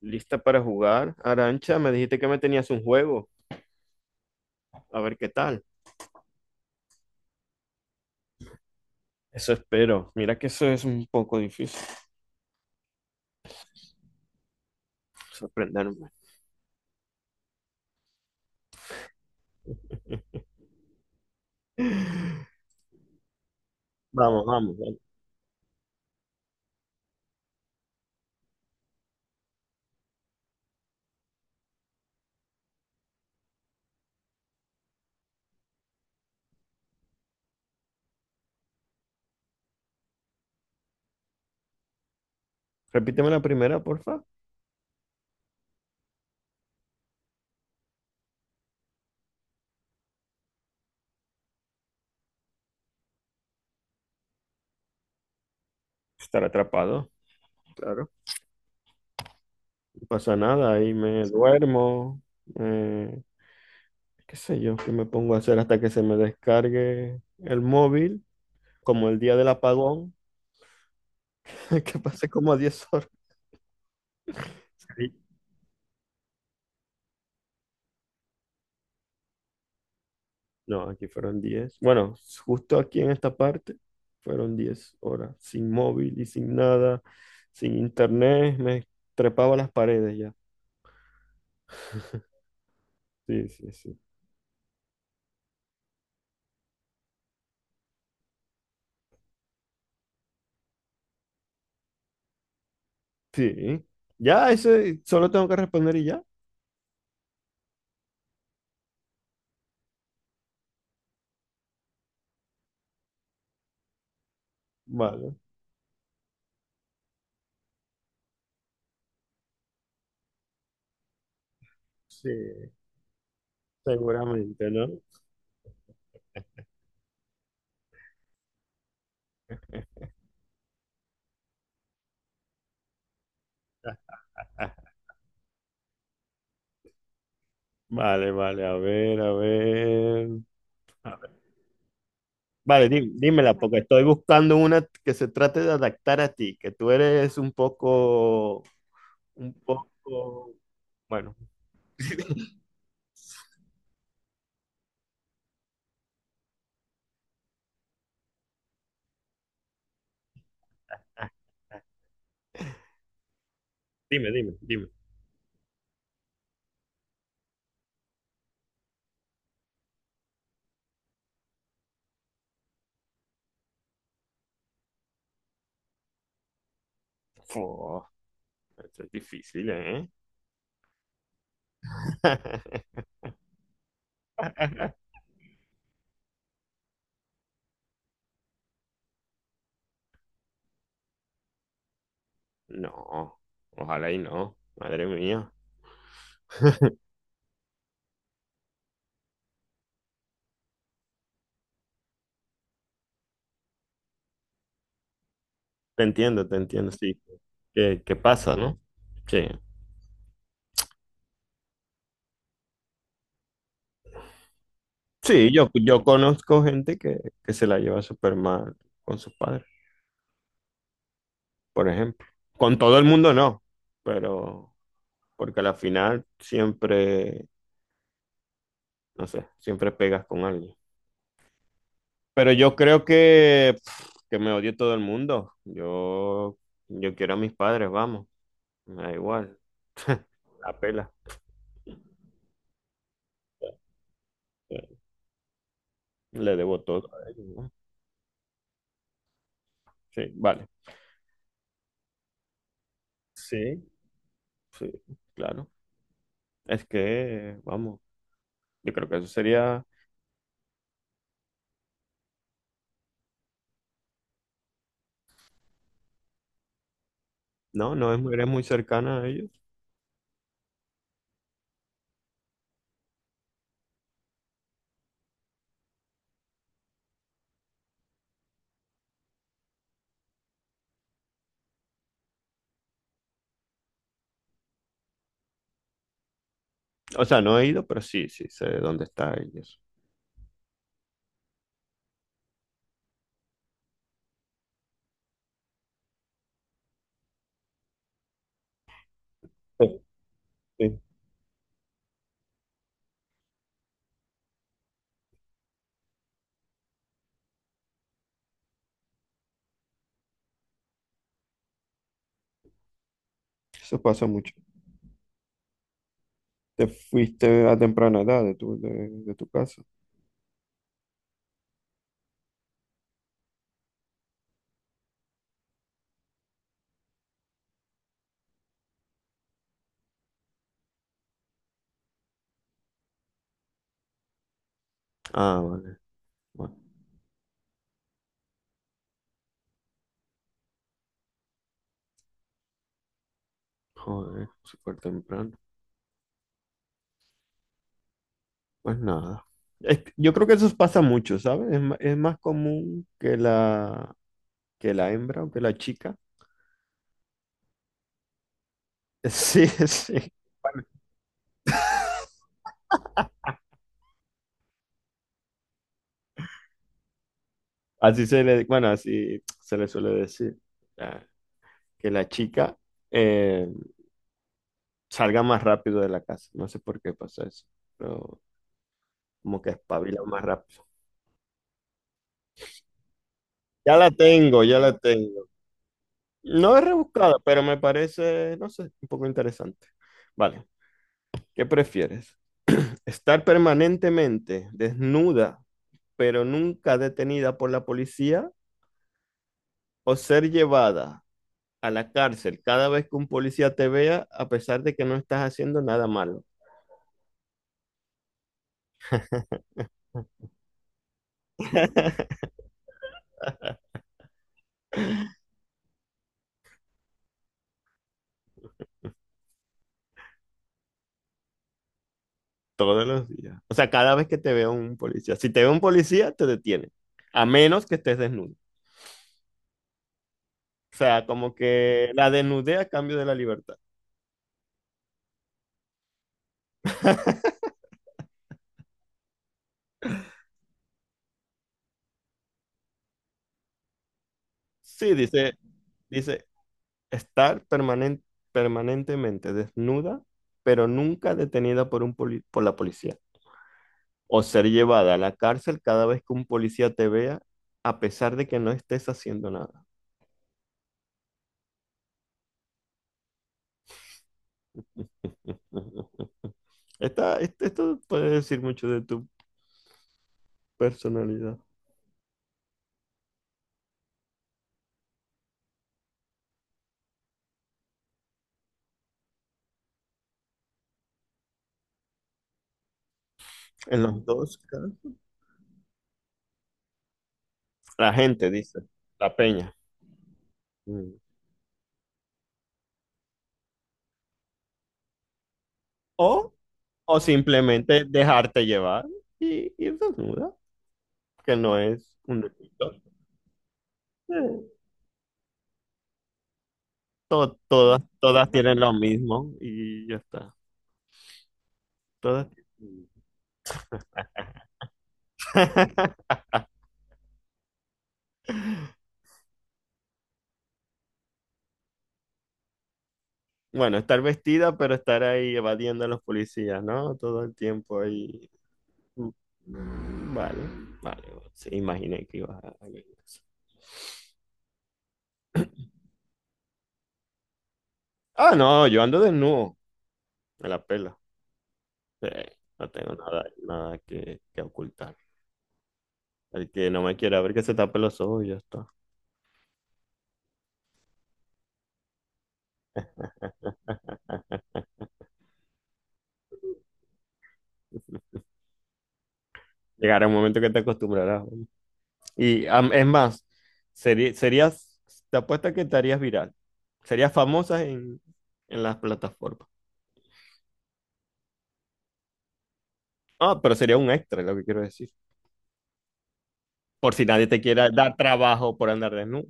¿Lista para jugar? Arancha, me dijiste que me tenías un juego. A ver qué tal. Eso espero. Mira que eso es un poco difícil. Sorprenderme. Vamos, vamos, vamos. Repíteme la primera, porfa. Estar atrapado. Claro. No pasa nada. Ahí me duermo. eh, Qué sé yo, qué me pongo a hacer hasta que se me descargue el móvil. Como el día del apagón. Que pasé como 10 horas. No, aquí fueron 10. Bueno, justo aquí en esta parte fueron 10 horas, sin móvil y sin nada, sin internet, me trepaba a las paredes ya. Sí, sí, sí. Sí. Ya, eso solo tengo que responder y ya. Vale. Sí, seguramente, ¿no? Ah, vale, vale, a ver, a ver. A ver. Vale, dímela, porque estoy buscando una que se trate de adaptar a ti, que tú eres un poco, bueno. Dime, dime, dime. Fu, esto es difícil, ¿eh? No, ojalá y no, madre mía. Te entiendo, sí. ¿Qué, qué pasa, no? Sí. Sí, yo conozco gente que se la lleva súper mal con sus padres, por ejemplo. Con todo el mundo no, pero porque a la final siempre, no sé, siempre pegas con alguien. Pero yo creo que, pf, que me odie todo el mundo. Yo quiero a mis padres, vamos. Me da igual. La pela. Le debo todo a ellos, ¿no? Sí, vale. Sí, sí, claro. Es que, vamos, yo creo que eso sería. No, eres muy cercana a ellos. O sea, no he ido, pero sí, sí, sé dónde está ellos. Sí, sí, eso pasa mucho. Te fuiste a temprana edad de de tu casa. Ah, vale. Bueno, joder, súper temprano. Pues nada. Yo creo que eso pasa mucho, ¿sabes? Es más común que la hembra o que la chica. Sí, sí. Así se le, bueno, así se le suele decir. Ah, que la chica eh, salga más rápido de la casa. No sé por qué pasa eso. Pero como que espabila más rápido. Ya la tengo, ya la tengo. No es rebuscada, pero me parece, no sé, un poco interesante. Vale, ¿qué prefieres? ¿Estar permanentemente desnuda, pero nunca detenida por la policía, o ser llevada a la cárcel cada vez que un policía te vea, a pesar de que no estás haciendo nada malo? Todos los días. O sea, cada vez que te vea un policía. Si te ve un policía, te detiene. A menos que estés desnudo. O sea, como que la desnudez a cambio de la libertad. Sí, dice, estar permanentemente desnuda, pero nunca detenida por un por la policía, o ser llevada a la cárcel cada vez que un policía te vea, a pesar de que no estés haciendo nada. Esto puede decir mucho de tu personalidad. En los dos casos, la gente dice, la peña. Mm. O, o simplemente dejarte llevar y ir desnuda, que no es un delito. Eh, todas, todas tienen lo mismo y ya está. Todas. Bueno, estar vestida, pero estar ahí evadiendo a los policías, ¿no? Todo el tiempo ahí. Mm, vale, vale, vale. Sí, imaginé que ibas a... Ah, no, yo ando desnudo. Me la pela. Sí, no tengo nada, nada que, que ocultar. El que no me quiera ver que se tape los ojos y ya está. Llegará un momento que te acostumbrarás, ¿no? Y es más, serías, te apuesto que te harías viral. Serías famosa en las plataformas. Ah, pero sería un extra, lo que quiero decir. Por si nadie te quiera dar trabajo por andar desnudo.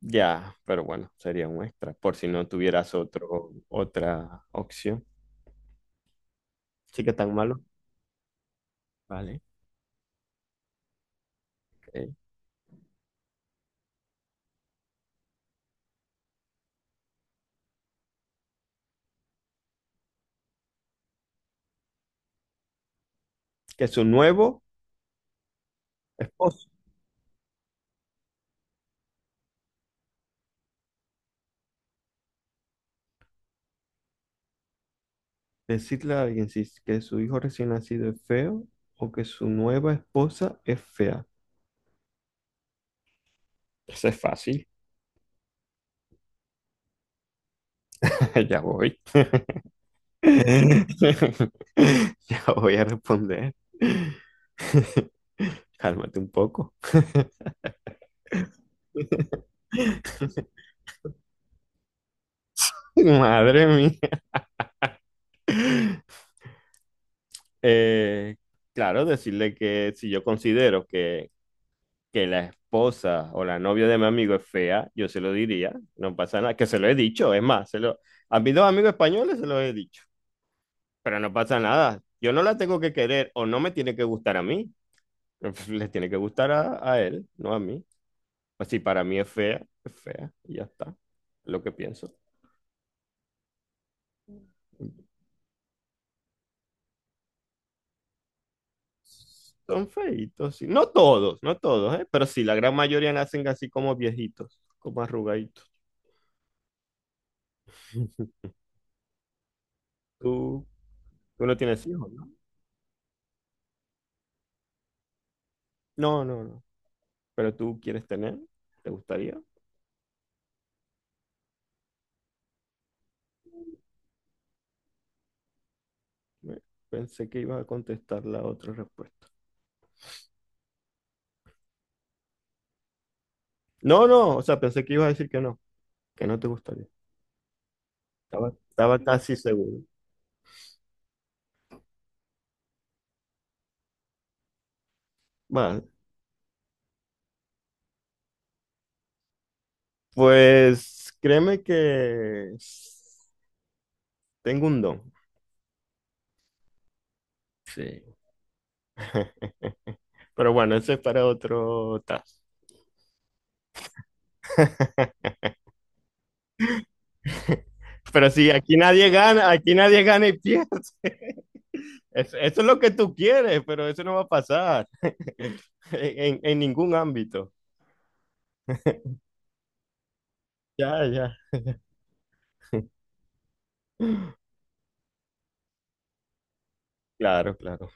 Ya, pero bueno, sería un extra. Por si no tuvieras otra opción. Sí que tan malo. Vale. Ok. Que su nuevo esposo. Decirle a alguien si es que su hijo recién nacido es feo o que su nueva esposa es fea. Eso es fácil. Ya voy. Ya voy a responder. Cálmate un poco. Madre mía. Eh, claro, decirle que si yo considero que la esposa o la novia de mi amigo es fea, yo se lo diría, no pasa nada, que se lo he dicho, es más, se lo, a mis dos amigos españoles se lo he dicho, pero no pasa nada, yo no la tengo que querer o no me tiene que gustar a mí, le tiene que gustar a él, no a mí. Pues si para mí es fea, y ya está, es lo que pienso. Son feitos, sí. No todos, no todos, ¿eh? Pero sí, la gran mayoría nacen así como viejitos, como arrugaditos. Tú, tú no tienes hijos, ¿no? No, no, no. Pero tú quieres tener, ¿te gustaría? Eh, Pensé que ibas a contestar la otra respuesta. No, no, o sea, pensé que ibas a decir que no te gustaría. Estaba, estaba casi seguro. Vale, pues créeme que tengo un don. Sí. Pero bueno, ese es para otro task. Pero sí, aquí nadie gana y pierde. Eso es lo que tú quieres, pero eso no va a pasar en ningún ámbito. Ya, ya. Claro, claro.